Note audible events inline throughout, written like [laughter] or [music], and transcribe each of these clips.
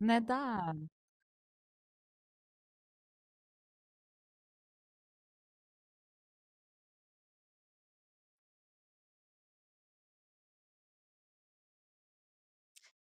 Neden?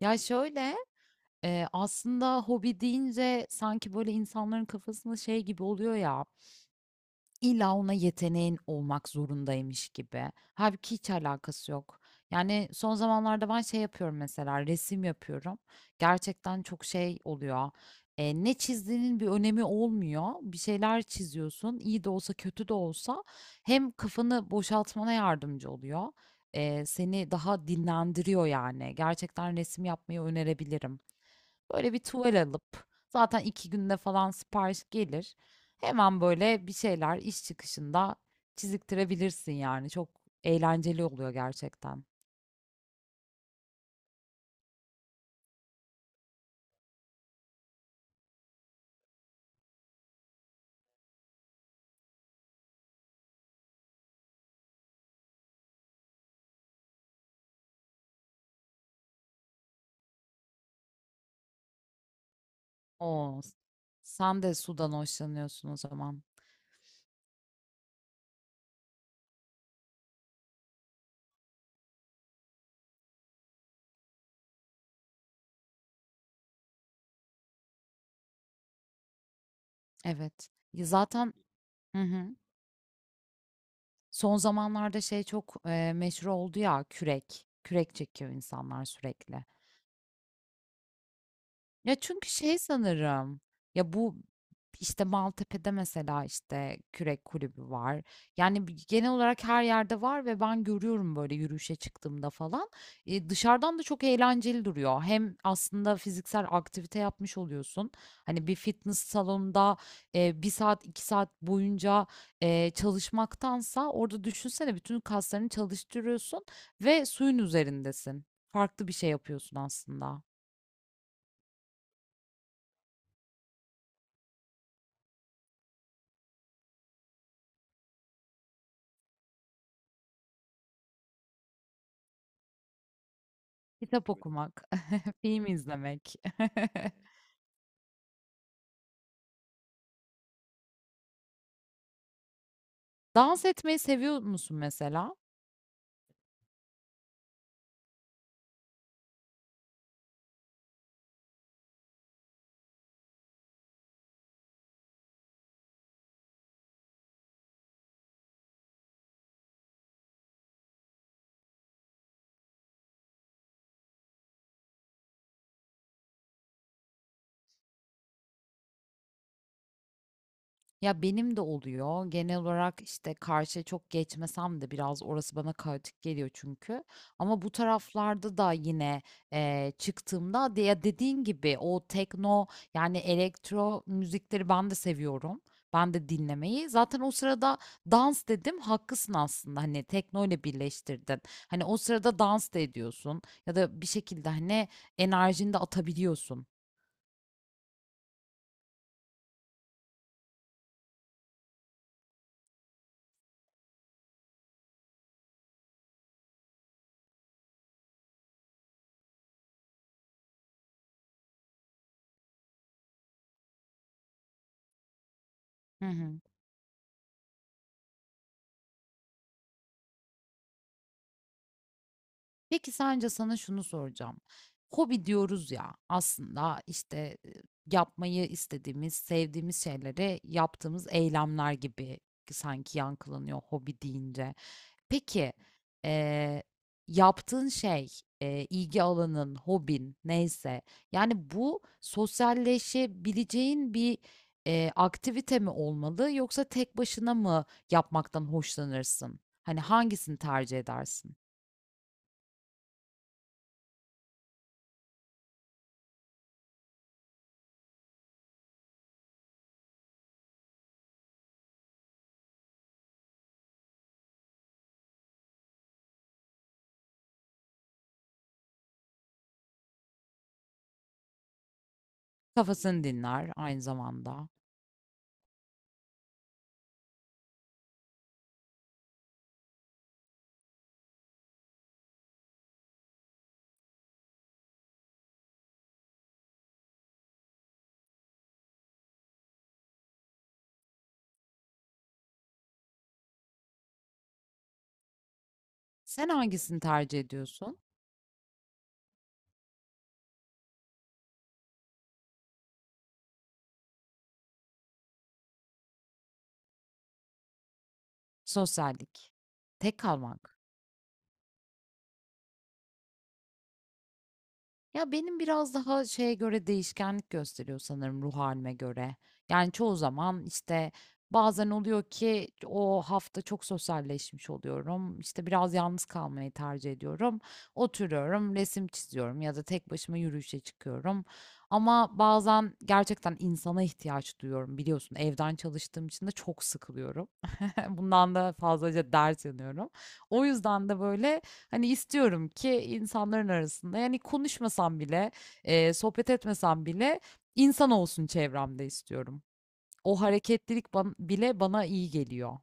Ya şöyle aslında hobi deyince sanki böyle insanların kafasında şey gibi oluyor ya. İlla ona yeteneğin olmak zorundaymış gibi. Hâlbuki hiç alakası yok. Yani, son zamanlarda ben şey yapıyorum mesela, resim yapıyorum. Gerçekten çok şey oluyor, ne çizdiğinin bir önemi olmuyor. Bir şeyler çiziyorsun, iyi de olsa kötü de olsa hem kafanı boşaltmana yardımcı oluyor, seni daha dinlendiriyor yani. Gerçekten resim yapmayı önerebilirim. Böyle bir tuval alıp zaten iki günde falan sipariş gelir. Hemen böyle bir şeyler iş çıkışında çiziktirebilirsin yani. Çok eğlenceli oluyor gerçekten. Oo, sen de sudan hoşlanıyorsun o zaman. Evet. Ya zaten hı hı. Son zamanlarda şey çok, meşhur oldu ya kürek. Kürek çekiyor insanlar sürekli. Ya çünkü şey sanırım. Ya bu işte Maltepe'de mesela işte kürek kulübü var. Yani genel olarak her yerde var ve ben görüyorum böyle yürüyüşe çıktığımda falan. E, dışarıdan da çok eğlenceli duruyor. Hem aslında fiziksel aktivite yapmış oluyorsun. Hani bir fitness salonunda bir saat iki saat boyunca çalışmaktansa orada düşünsene bütün kaslarını çalıştırıyorsun ve suyun üzerindesin. Farklı bir şey yapıyorsun aslında. Kitap okumak. Film izlemek. [laughs] Dans etmeyi seviyor musun mesela? Ya benim de oluyor. Genel olarak işte karşıya çok geçmesem de biraz orası bana kaotik geliyor çünkü. Ama bu taraflarda da yine çıktığımda ya dediğin gibi o tekno yani elektro müzikleri ben de seviyorum. Ben de dinlemeyi. Zaten o sırada dans dedim. Haklısın aslında. Hani tekno ile birleştirdin. Hani o sırada dans da ediyorsun ya da bir şekilde hani enerjini de atabiliyorsun. Hı hı. Peki sence sana şunu soracağım. Hobi diyoruz ya aslında işte yapmayı istediğimiz, sevdiğimiz şeyleri yaptığımız eylemler gibi sanki yankılanıyor hobi deyince. Peki e, yaptığın şey, ilgi alanın, hobin neyse yani bu sosyalleşebileceğin bir aktivite mi olmalı yoksa tek başına mı yapmaktan hoşlanırsın? Hani hangisini tercih edersin? Kafasını dinler aynı zamanda. Sen hangisini tercih ediyorsun? Sosyallik, tek kalmak. Ya benim biraz daha şeye göre değişkenlik gösteriyor sanırım ruh halime göre. Yani çoğu zaman işte bazen oluyor ki o hafta çok sosyalleşmiş oluyorum. İşte biraz yalnız kalmayı tercih ediyorum. Oturuyorum, resim çiziyorum ya da tek başıma yürüyüşe çıkıyorum. Ama bazen gerçekten insana ihtiyaç duyuyorum biliyorsun. Evden çalıştığım için de çok sıkılıyorum. [laughs] Bundan da fazlaca dert yanıyorum. O yüzden de böyle hani istiyorum ki insanların arasında yani konuşmasam bile, sohbet etmesem bile insan olsun çevremde istiyorum. O hareketlilik bile bana iyi geliyor.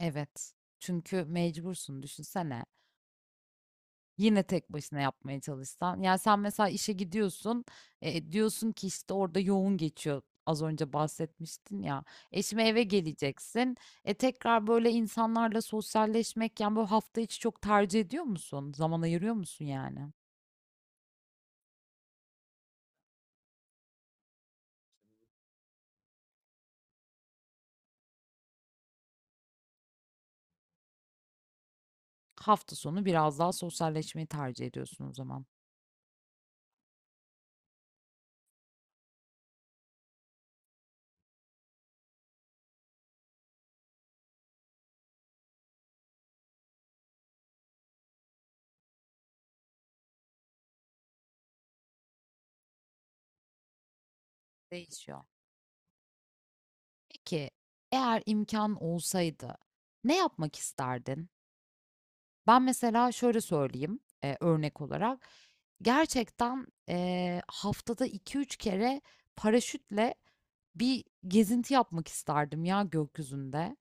Evet. Çünkü mecbursun düşünsene. Yine tek başına yapmaya çalışsan. Yani sen mesela işe gidiyorsun, diyorsun ki işte orada yoğun geçiyor. Az önce bahsetmiştin ya. E şimdi eve geleceksin. E tekrar böyle insanlarla sosyalleşmek yani böyle hafta içi çok tercih ediyor musun? Zaman ayırıyor musun yani? Hafta sonu biraz daha sosyalleşmeyi tercih ediyorsun o zaman. Değişiyor. Peki eğer imkan olsaydı ne yapmak isterdin? Ben mesela şöyle söyleyeyim, örnek olarak. Gerçekten, haftada iki üç kere paraşütle bir gezinti yapmak isterdim ya gökyüzünde.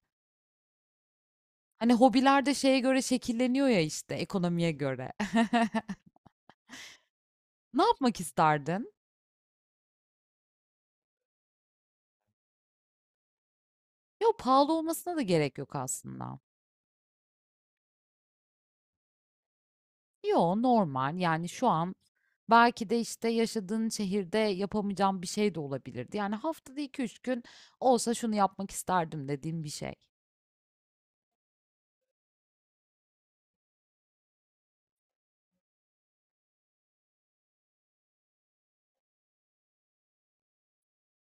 Hani, hobiler de şeye göre şekilleniyor ya, işte, ekonomiye göre. [laughs] Ne yapmak isterdin? Yo, pahalı olmasına da gerek yok aslında. Yo, normal. Yani, şu an belki de, işte, yaşadığın şehirde yapamayacağım bir şey de olabilirdi. Yani, haftada iki üç gün olsa şunu yapmak isterdim dediğim bir şey.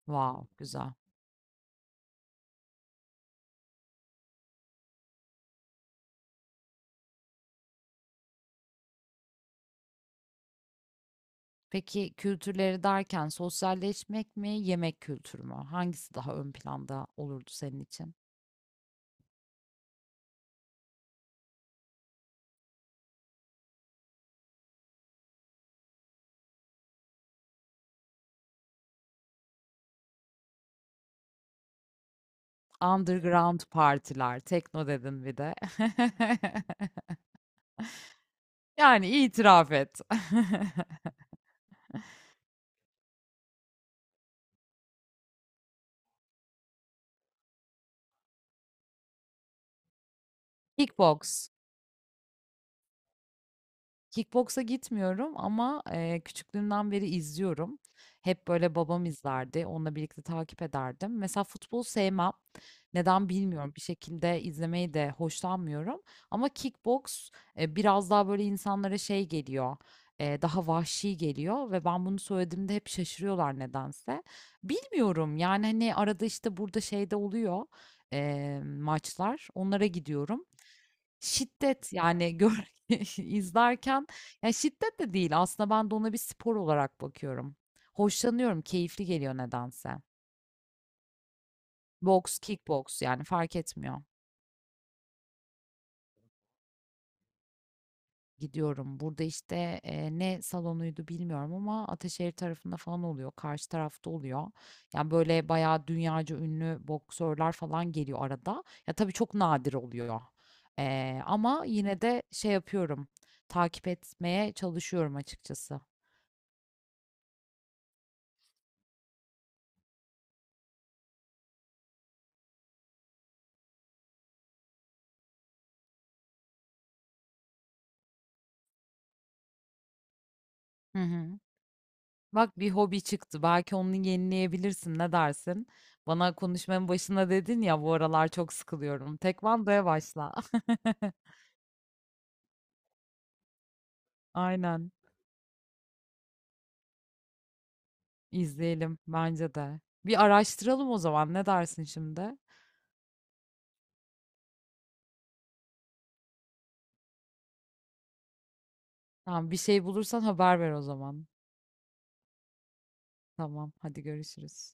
Wow, güzel. Peki kültürleri derken sosyalleşmek mi, yemek kültürü mü? Hangisi daha ön planda olurdu senin için? Underground partiler, tekno dedin bir de. [laughs] Yani itiraf et. [laughs] Kickbox. Kickboksa gitmiyorum ama, küçüklüğümden beri izliyorum. Hep böyle babam izlerdi. Onunla birlikte takip ederdim. Mesela futbol sevmem. Neden bilmiyorum. Bir şekilde izlemeyi de hoşlanmıyorum. Ama kickboks biraz daha böyle insanlara şey geliyor. Daha vahşi geliyor ve ben bunu söylediğimde hep şaşırıyorlar nedense. Bilmiyorum yani hani arada işte burada şeyde oluyor maçlar. Onlara gidiyorum. Şiddet, yani, gör [laughs] izlerken ya, şiddet de değil aslında ben de ona bir spor olarak bakıyorum. Hoşlanıyorum, keyifli geliyor nedense. Boks, kickboks, yani, fark etmiyor. Gidiyorum. Burada, işte, ne salonuydu bilmiyorum ama Ataşehir tarafında falan oluyor, karşı tarafta oluyor. Yani, böyle, bayağı dünyaca ünlü boksörler falan geliyor arada. Ya, tabii çok nadir oluyor, ama yine de şey yapıyorum, takip etmeye çalışıyorum açıkçası. Hı hı. Bak bir hobi çıktı. Belki onu yenileyebilirsin. Ne dersin? Bana konuşmanın başında dedin ya bu aralar çok sıkılıyorum. Tekvandoya başla. [laughs] Aynen. İzleyelim bence de. Bir araştıralım o zaman. Ne dersin şimdi? Tamam, bir şey bulursan haber ver o zaman. Tamam, hadi görüşürüz.